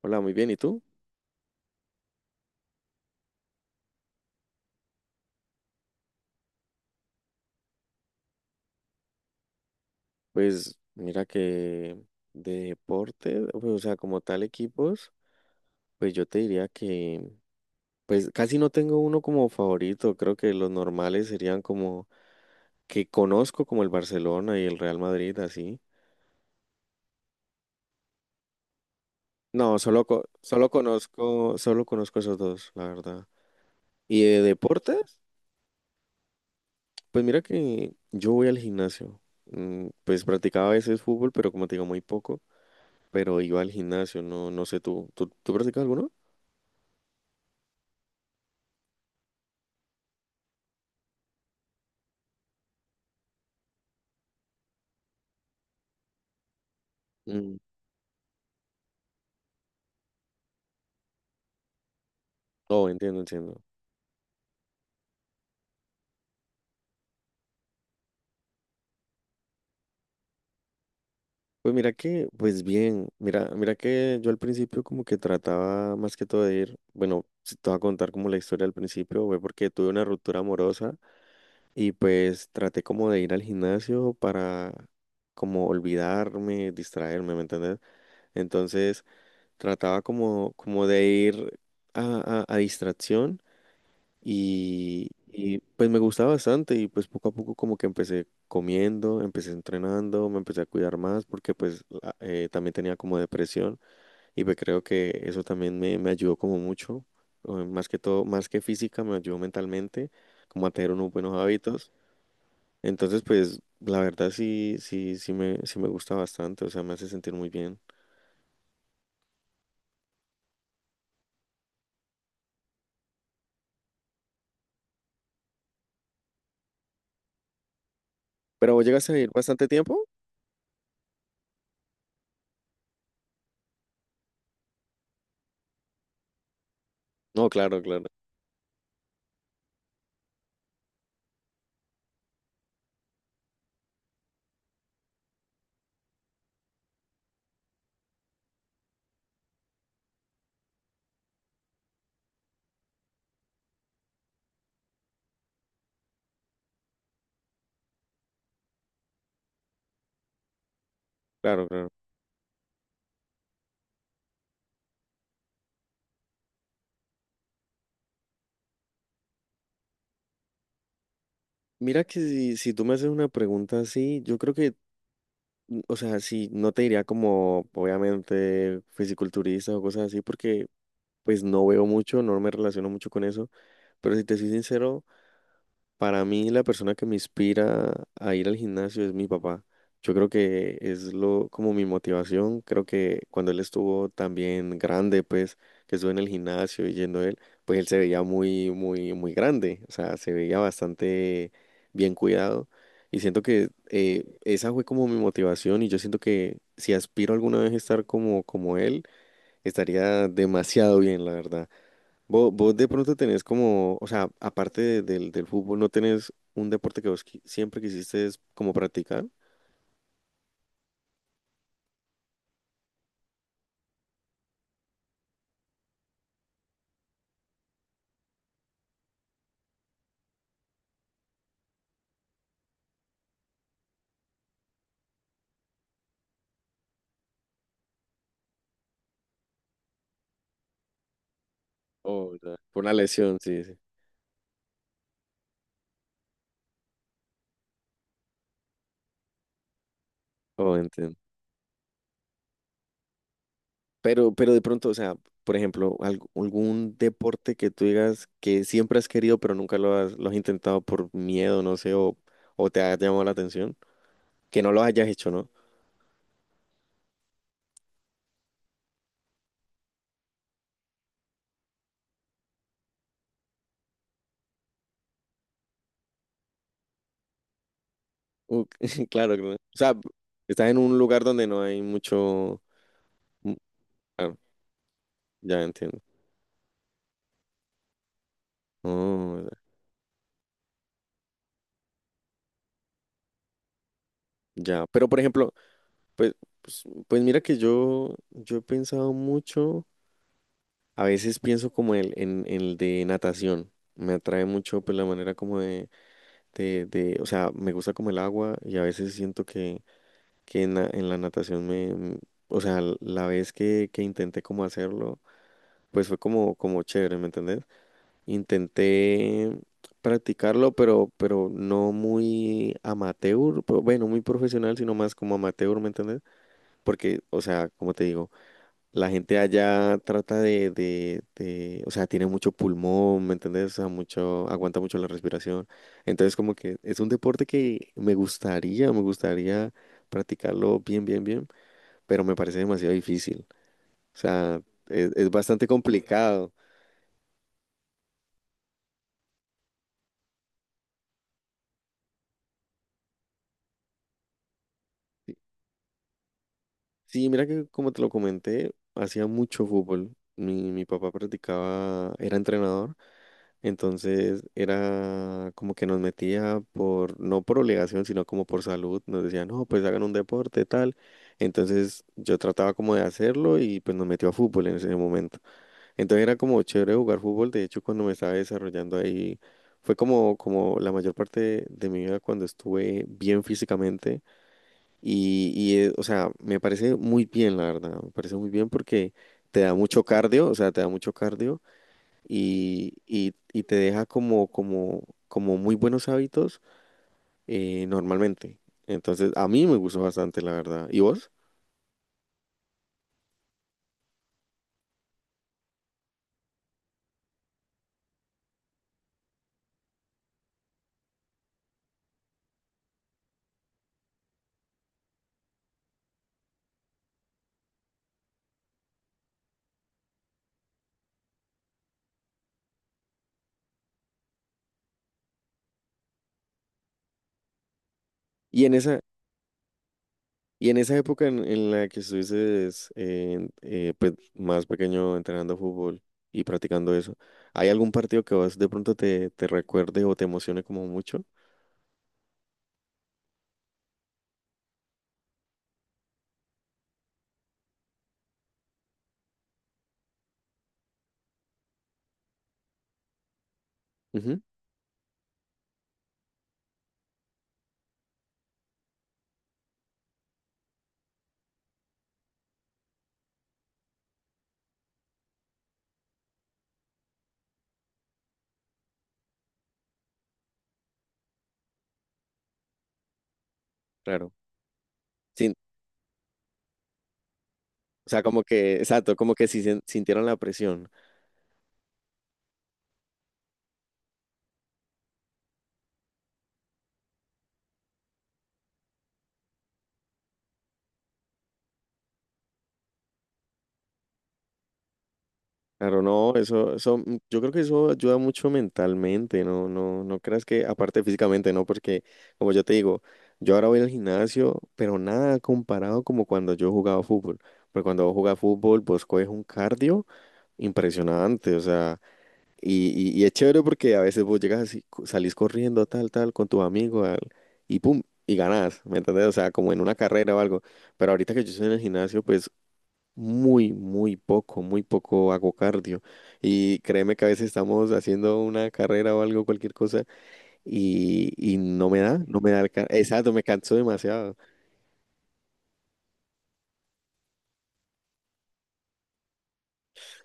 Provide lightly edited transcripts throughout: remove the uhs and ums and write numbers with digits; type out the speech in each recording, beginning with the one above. Hola, muy bien. ¿Y tú? Pues mira que de deporte, pues, o sea, como tal equipos, pues yo te diría que, pues casi no tengo uno como favorito. Creo que los normales serían como que conozco como el Barcelona y el Real Madrid, así. No, solo, solo conozco esos dos, la verdad. Y de deportes, pues mira que yo voy al gimnasio. Pues practicaba a veces fútbol, pero como te digo, muy poco. Pero iba al gimnasio, no, no sé tú. ¿Tú practicas alguno? Oh, entiendo, entiendo. Pues mira que, pues bien, mira, mira que yo al principio como que trataba más que todo de ir, bueno, si te voy a contar como la historia al principio, fue porque tuve una ruptura amorosa y pues traté como de ir al gimnasio para como olvidarme, distraerme, ¿me entiendes? Entonces trataba como, como de ir a distracción. Pues me gustaba bastante y pues poco a poco como que empecé comiendo, empecé entrenando, me empecé a cuidar más porque pues también tenía como depresión y pues creo que eso también me ayudó como mucho, más que todo, más que física, me ayudó mentalmente como a tener unos buenos hábitos. Entonces pues la verdad sí, sí, sí me gusta bastante, o sea, me hace sentir muy bien. ¿Pero vos llegaste a ir bastante tiempo? No, claro, claro, claro, claro. Mira que si tú me haces una pregunta así, yo creo que o sea, sí, no te diría como, obviamente, fisiculturista o cosas así, porque pues no veo mucho, no me relaciono mucho con eso, pero si te soy sincero, para mí, la persona que me inspira a ir al gimnasio es mi papá. Yo creo que es lo como mi motivación. Creo que cuando él estuvo también grande, pues que estuve en el gimnasio y yendo él, pues él se veía muy, muy, muy grande. O sea, se veía bastante bien cuidado. Y siento que esa fue como mi motivación. Y yo siento que si aspiro alguna vez a estar como, como él, estaría demasiado bien, la verdad. Vos de pronto tenés como, o sea, aparte del, del fútbol, ¿no tenés un deporte que vos siempre quisiste es como practicar? O ya, por una lesión, sí, sí. Oh, entiendo. Pero de pronto, o sea, por ejemplo, algún deporte que tú digas que siempre has querido, pero nunca lo has, lo has intentado por miedo, no sé, o te ha llamado la atención, que no lo hayas hecho, ¿no? Uh, claro, claro. O sea, estás en un lugar donde no hay mucho... mm, Claro, ya entiendo. Oh, ya. Pero, por ejemplo, pues, pues, pues mira que yo he pensado mucho, a veces pienso como en el de natación, me atrae mucho pues la manera como de, o sea, me gusta como el agua y a veces siento que en la natación o sea, la vez que intenté como hacerlo, pues fue como, como chévere, ¿me entendés? Intenté practicarlo, pero no muy amateur, pero bueno, muy profesional, sino más como amateur, ¿me entendés? Porque, o sea, como te digo. La gente allá trata de, o sea, tiene mucho pulmón, ¿me entiendes? O sea, mucho, aguanta mucho la respiración. Entonces, como que es un deporte que me gustaría practicarlo bien, bien, bien, pero me parece demasiado difícil. O sea, es bastante complicado. Sí, mira que como te lo comenté, hacía mucho fútbol. Mi papá practicaba, era entrenador. Entonces era como que nos metía por, no por obligación, sino como por salud. Nos decía, no, pues hagan un deporte, tal. Entonces yo trataba como de hacerlo y pues nos metió a fútbol en ese momento. Entonces era como chévere jugar fútbol. De hecho, cuando me estaba desarrollando ahí, fue como, como la mayor parte de mi vida cuando estuve bien físicamente. O sea, me parece muy bien, la verdad. Me parece muy bien porque te da mucho cardio, o sea, te da mucho cardio y te deja como, como, como muy buenos hábitos normalmente. Entonces, a mí me gustó bastante, la verdad. ¿Y vos? Y en esa, y en esa época en la que estuviste pues, más pequeño entrenando fútbol y practicando eso, ¿hay algún partido que vos de pronto te, te recuerde o te emocione como mucho? Ujú, claro. Sin- o sea, como que, exacto, como que si sintieron la presión. Claro, no, eso, yo creo que eso ayuda mucho mentalmente, no, no, no creas que, aparte físicamente, no, porque como yo te digo, yo ahora voy al gimnasio, pero nada comparado como cuando yo jugaba fútbol, porque cuando vos jugás fútbol, vos coges un cardio impresionante, o sea, y, y es chévere porque a veces vos llegas así, salís corriendo tal, tal, con tus amigos, y pum, y ganás, ¿me entendés? O sea, como en una carrera o algo, pero ahorita que yo estoy en el gimnasio, pues muy, muy poco hago cardio. Y créeme que a veces estamos haciendo una carrera o algo, cualquier cosa, y no me da, no me da exacto, me canso demasiado.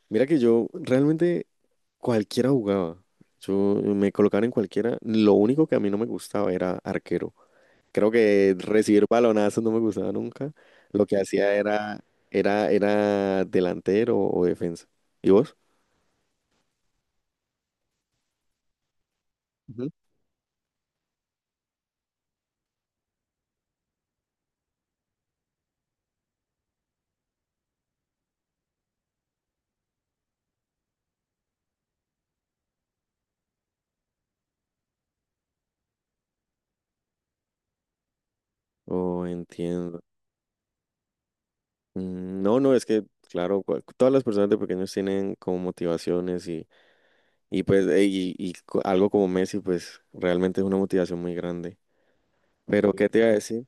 Mira que yo realmente cualquiera jugaba. Yo me colocaron en cualquiera. Lo único que a mí no me gustaba era arquero. Creo que recibir balonazos no me gustaba nunca. Lo que hacía era, era delantero o defensa. ¿Y vos? Ujú. Oh, entiendo. No, no, es que, claro, todas las personas de pequeños tienen como motivaciones y pues, y algo como Messi, pues realmente es una motivación muy grande. Pero, ¿qué te iba a decir?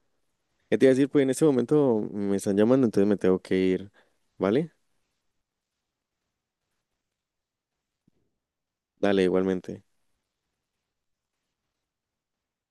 ¿Qué te iba a decir? Pues en este momento me están llamando, entonces me tengo que ir, ¿vale? Dale, igualmente.